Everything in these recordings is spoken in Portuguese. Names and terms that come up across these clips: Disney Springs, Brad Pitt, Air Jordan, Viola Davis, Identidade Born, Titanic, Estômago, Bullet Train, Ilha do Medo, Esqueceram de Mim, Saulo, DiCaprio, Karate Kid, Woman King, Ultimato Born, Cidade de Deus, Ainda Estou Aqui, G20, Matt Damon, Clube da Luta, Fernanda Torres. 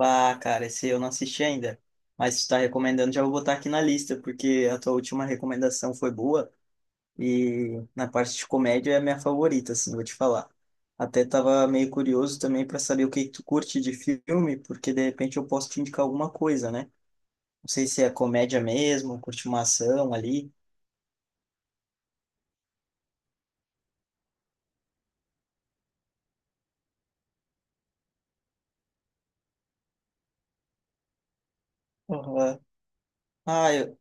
Ah, cara, esse eu não assisti ainda. Mas se tá recomendando, já vou botar aqui na lista, porque a tua última recomendação foi boa e na parte de comédia é a minha favorita, assim, vou te falar. Até tava meio curioso também para saber o que tu curte de filme, porque de repente eu posso te indicar alguma coisa, né? Não sei se é comédia mesmo, curte uma ação ali. Aham. Ah, eu...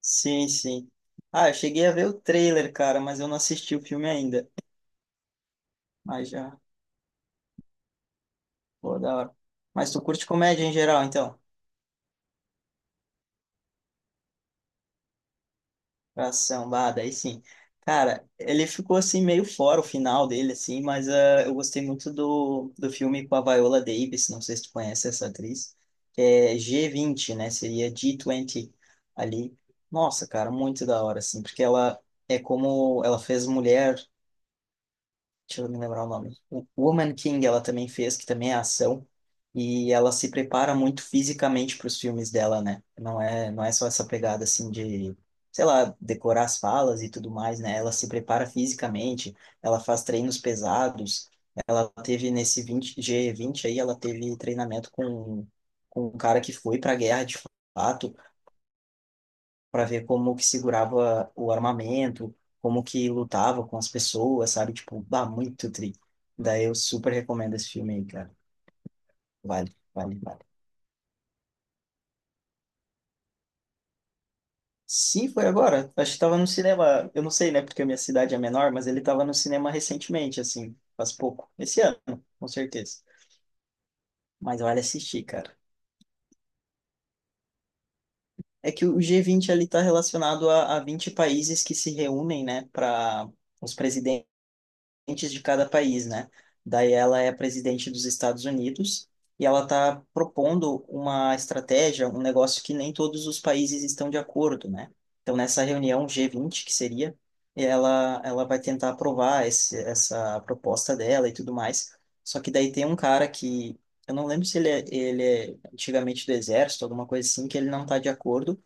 sim, sim. Ah, eu cheguei a ver o trailer, cara, mas eu não assisti o filme ainda. Mas já, pô, da hora. Mas tu curte comédia em geral, então? Pra samba, daí sim. Cara, ele ficou assim meio fora o final dele, assim, mas eu gostei muito do filme com a Viola Davis, não sei se tu conhece essa atriz, que é G20, né? Seria G20 ali. Nossa, cara, muito da hora, assim, porque ela é como ela fez Mulher, deixa eu me lembrar o nome. O Woman King ela também fez, que também é ação. E ela se prepara muito fisicamente para os filmes dela, né? Não é só essa pegada assim de, sei lá, decorar as falas e tudo mais, né? Ela se prepara fisicamente, ela faz treinos pesados. Ela teve nesse 20, G20 aí, ela teve treinamento com um cara que foi para a guerra de fato, para ver como que segurava o armamento, como que lutava com as pessoas, sabe? Tipo, bah, muito tri. Daí eu super recomendo esse filme aí, cara. Vale, vale, vale. Sim, foi agora. Acho que tava no cinema, eu não sei, né, porque a minha cidade é menor, mas ele tava no cinema recentemente, assim, faz pouco. Esse ano, com certeza. Mas vale assistir, cara. É que o G20 ali tá relacionado a 20 países que se reúnem, né, para os presidentes de cada país, né? Daí ela é a presidente dos Estados Unidos e ela está propondo uma estratégia, um negócio que nem todos os países estão de acordo, né? Então, nessa reunião G20, que seria, ela vai tentar aprovar essa proposta dela e tudo mais. Só que daí tem um cara que, eu não lembro se ele é antigamente do exército, alguma coisa assim, que ele não está de acordo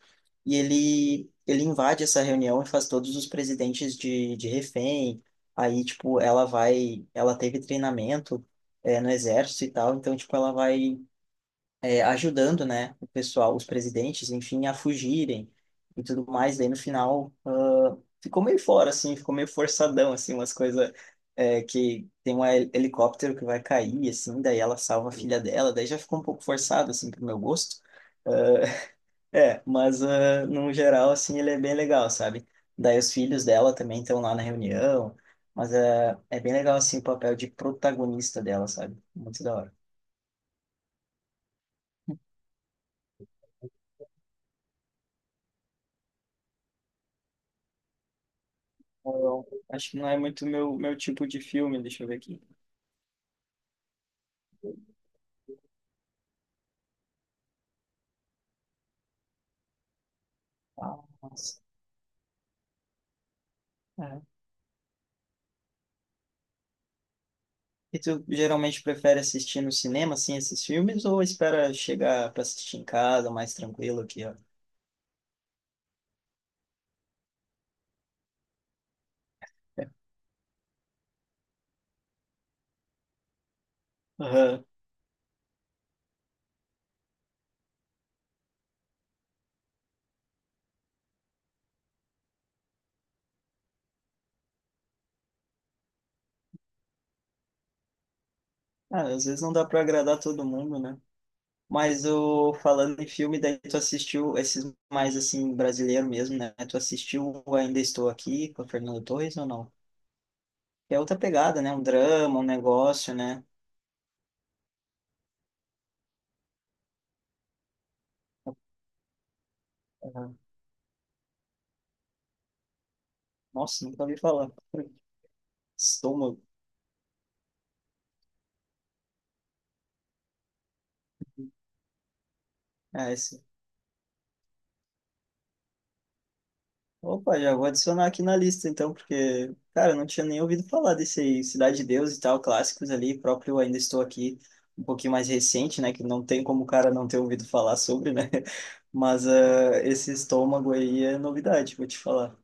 e ele invade essa reunião e faz todos os presidentes de refém. Aí, tipo, ela teve treinamento, no exército e tal, então, tipo, ela vai, ajudando, né, o pessoal, os presidentes, enfim, a fugirem e tudo mais. Daí, no final, ficou meio fora, assim, ficou meio forçadão, assim, umas coisas... que tem um helicóptero que vai cair, assim, daí ela salva a filha dela, daí já ficou um pouco forçado, assim, pro meu gosto. É, mas no geral, assim, ele é bem legal, sabe? Daí os filhos dela também estão lá na reunião, mas é bem legal, assim, o papel de protagonista dela, sabe? Muito da hora. Eu acho que não é muito meu tipo de filme, deixa eu ver aqui. Ah, nossa. É. E tu geralmente prefere assistir no cinema, assim, esses filmes, ou espera chegar para assistir em casa, mais tranquilo aqui, ó? É. Aham. Ah, às vezes não dá para agradar todo mundo, né? Mas o falando em filme, daí tu assistiu esses mais assim brasileiro mesmo, né? Tu assistiu o Ainda Estou Aqui com a Fernanda Torres ou não? É outra pegada, né? Um drama, um negócio, né? Uhum. Nossa, nunca ouvi falar. Estômago. É, esse. Opa, já vou adicionar aqui na lista, então, porque, cara, eu não tinha nem ouvido falar desse aí. Cidade de Deus e tal, clássicos ali, próprio Ainda Estou Aqui, um pouquinho mais recente, né, que não tem como o cara não ter ouvido falar sobre, né, mas esse Estômago aí é novidade, vou te falar.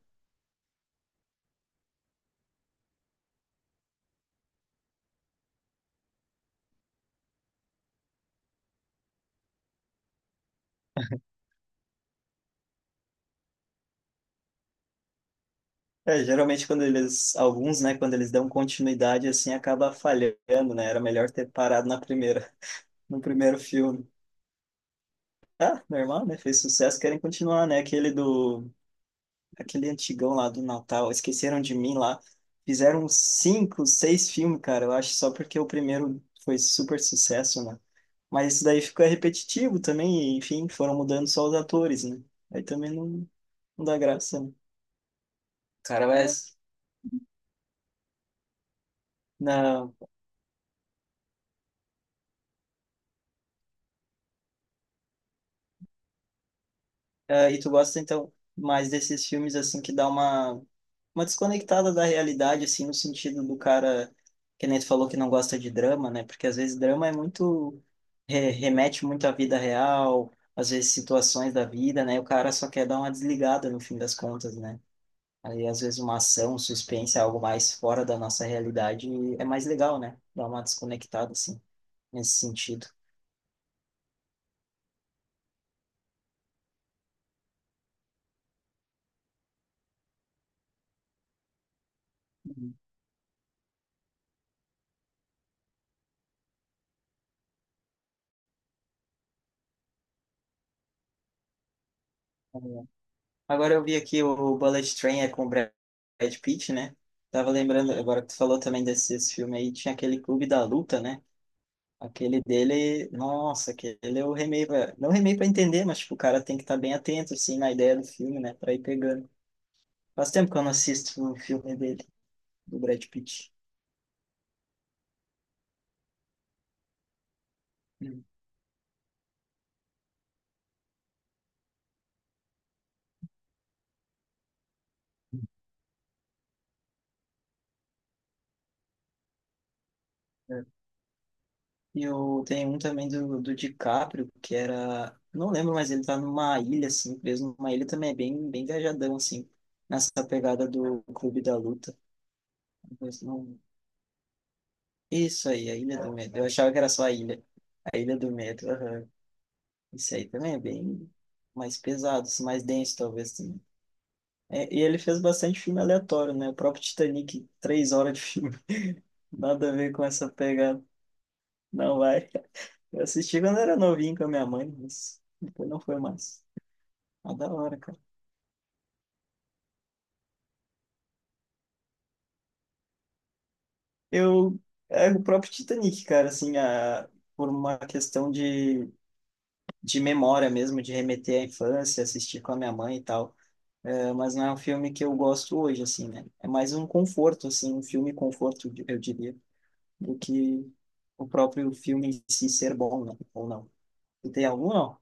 É, geralmente quando eles, alguns, né, quando eles dão continuidade, assim, acaba falhando, né, era melhor ter parado na primeira, no primeiro filme. Ah, normal, né, fez sucesso, querem continuar, né, aquele antigão lá do Natal, Esqueceram de Mim lá. Fizeram cinco, seis filmes, cara, eu acho, só porque o primeiro foi super sucesso, né? Mas isso daí ficou repetitivo também, e, enfim, foram mudando só os atores, né? Aí também não dá graça, né? Cara, mas não. É, e tu gosta, então, mais desses filmes, assim, que dá uma desconectada da realidade, assim, no sentido do cara, que nem tu falou que não gosta de drama, né? Porque às vezes drama é muito, remete muito à vida real, às vezes situações da vida, né? O cara só quer dar uma desligada no fim das contas, né? Aí, às vezes, uma ação, um suspense, é algo mais fora da nossa realidade, é mais legal, né? Dá uma desconectada, assim, nesse sentido. Uhum. Agora eu vi aqui, o Bullet Train é com o Brad Pitt, né? Tava lembrando, agora que tu falou também desse esse filme aí, tinha aquele Clube da Luta, né? Aquele dele, nossa, aquele eu remei pra, não remei pra entender, mas tipo, o cara tem que estar bem atento, assim, na ideia do filme, né? Pra ir pegando. Faz tempo que eu não assisto o filme dele, do Brad Pitt. Hum. É. E eu tenho um também do DiCaprio, que era, não lembro, mas ele tá numa ilha, assim, preso numa ilha também, é bem viajadão, assim, nessa pegada do Clube da Luta. Mas não. Isso aí, a Ilha do Medo. Eu achava que era só A Ilha. A Ilha do Medo, aham. Isso aí também é bem mais pesado, assim, mais denso, talvez, assim. É, e ele fez bastante filme aleatório, né? O próprio Titanic, 3 horas de filme. Nada a ver com essa pegada. Não vai. Eu assisti quando era novinho com a minha mãe, mas depois não foi mais. Mas da hora, cara. Eu. É o próprio Titanic, cara, assim, por uma questão de, memória mesmo, de remeter à infância, assistir com a minha mãe e tal. É, mas não é um filme que eu gosto hoje, assim, né? É mais um conforto, assim, um filme conforto, eu diria, do que o próprio filme em si ser bom, né? Ou não. E tem algum, não?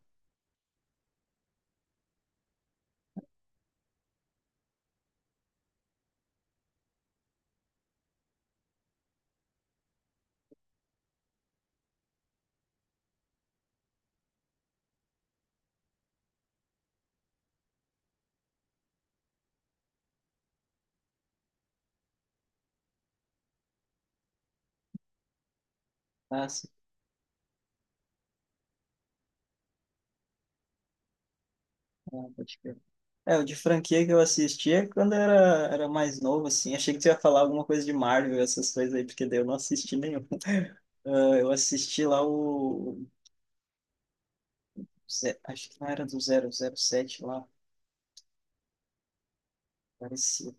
Ah, sim. Ah, pode crer. É, o de franquia que eu assistia quando era mais novo, assim. Achei que tu ia falar alguma coisa de Marvel, essas coisas aí, porque daí eu não assisti nenhum. Ah, eu assisti lá o... Acho que não era do 007 lá, parecia.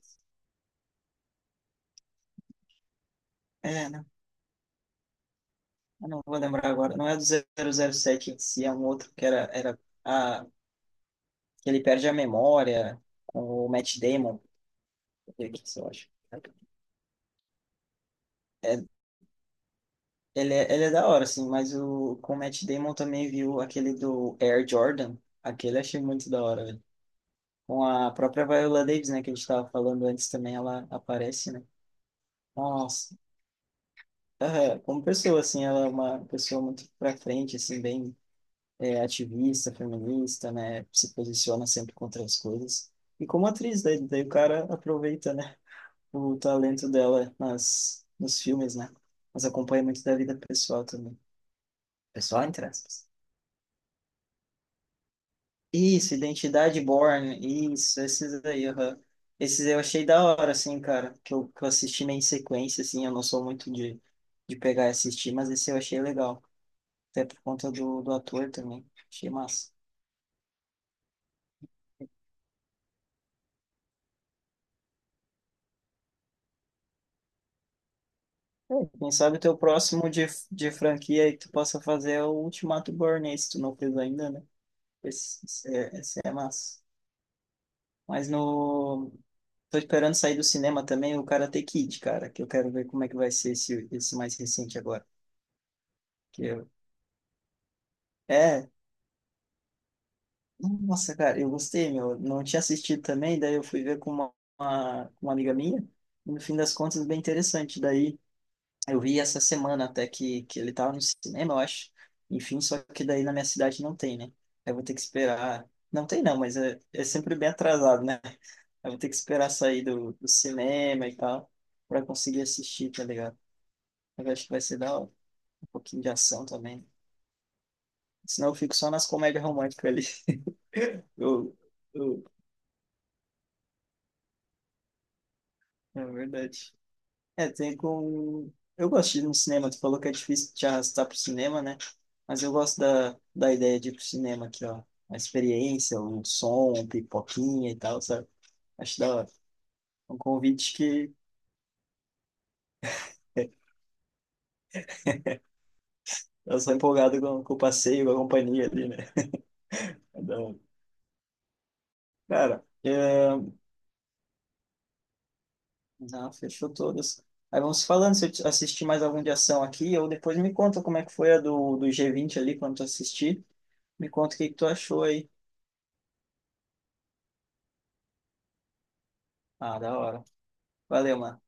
É, né? Eu não vou lembrar agora. Não é do 007 em si, é um outro que era, era a, que ele perde a memória, com o Matt Damon, que isso, eu acho. É, ele é da hora, assim, mas com o Matt Damon também, viu aquele do Air Jordan? Aquele eu achei muito da hora, velho. Com a própria Viola Davis, né, que a gente tava falando antes também, ela aparece, né? Nossa, aham, como pessoa, assim, ela é uma pessoa muito pra frente, assim, bem, é ativista, feminista, né? Se posiciona sempre contra as coisas. E como atriz, daí, o cara aproveita, né? O talento dela nos filmes, né? Mas acompanha muito da vida pessoal também. Pessoal, entre aspas. Isso, Identidade Born, isso, esses aí, aham. Esses eu achei da hora, assim, cara, que eu assisti meio em sequência, assim, eu não sou muito de, pegar e assistir, mas esse eu achei legal, até por conta do ator também, achei massa. É, quem sabe o teu próximo de, franquia aí que tu possa fazer é o Ultimato Born, se tu não fez ainda, né? Esse é massa. Mas no... Tô esperando sair do cinema também o Karate Kid, cara, que eu quero ver como é que vai ser esse mais recente agora. Que eu... É, nossa, cara, eu gostei, meu. Eu não tinha assistido também, daí eu fui ver com uma amiga minha, e no fim das contas, bem interessante. Daí eu vi essa semana até que ele tava no cinema, eu acho. Enfim, só que daí na minha cidade não tem, né? Eu vou ter que esperar. Não tem, não, mas é, sempre bem atrasado, né? Eu vou ter que esperar sair do cinema e tal, pra conseguir assistir, tá ligado? Eu acho que vai ser da hora. Um pouquinho de ação também. Senão eu fico só nas comédias românticas ali. Eu, eu, é verdade. É, tem com. Eu gosto de ir no cinema, tu falou que é difícil te arrastar pro cinema, né? Mas eu gosto da, ideia de ir pro cinema aqui, ó. A experiência, o som, um pipoquinha e tal, sabe? Acho da hora. É um convite que eu sou empolgado com, o passeio, com a companhia ali, né? É da hora. Cara, não, fechou todas. Aí vamos falando se eu assistir mais algum de ação aqui, ou depois me conta como é que foi a do, G20 ali, quando tu assistir. Me conta o que que tu achou aí. Ah, da hora. Valeu, mano.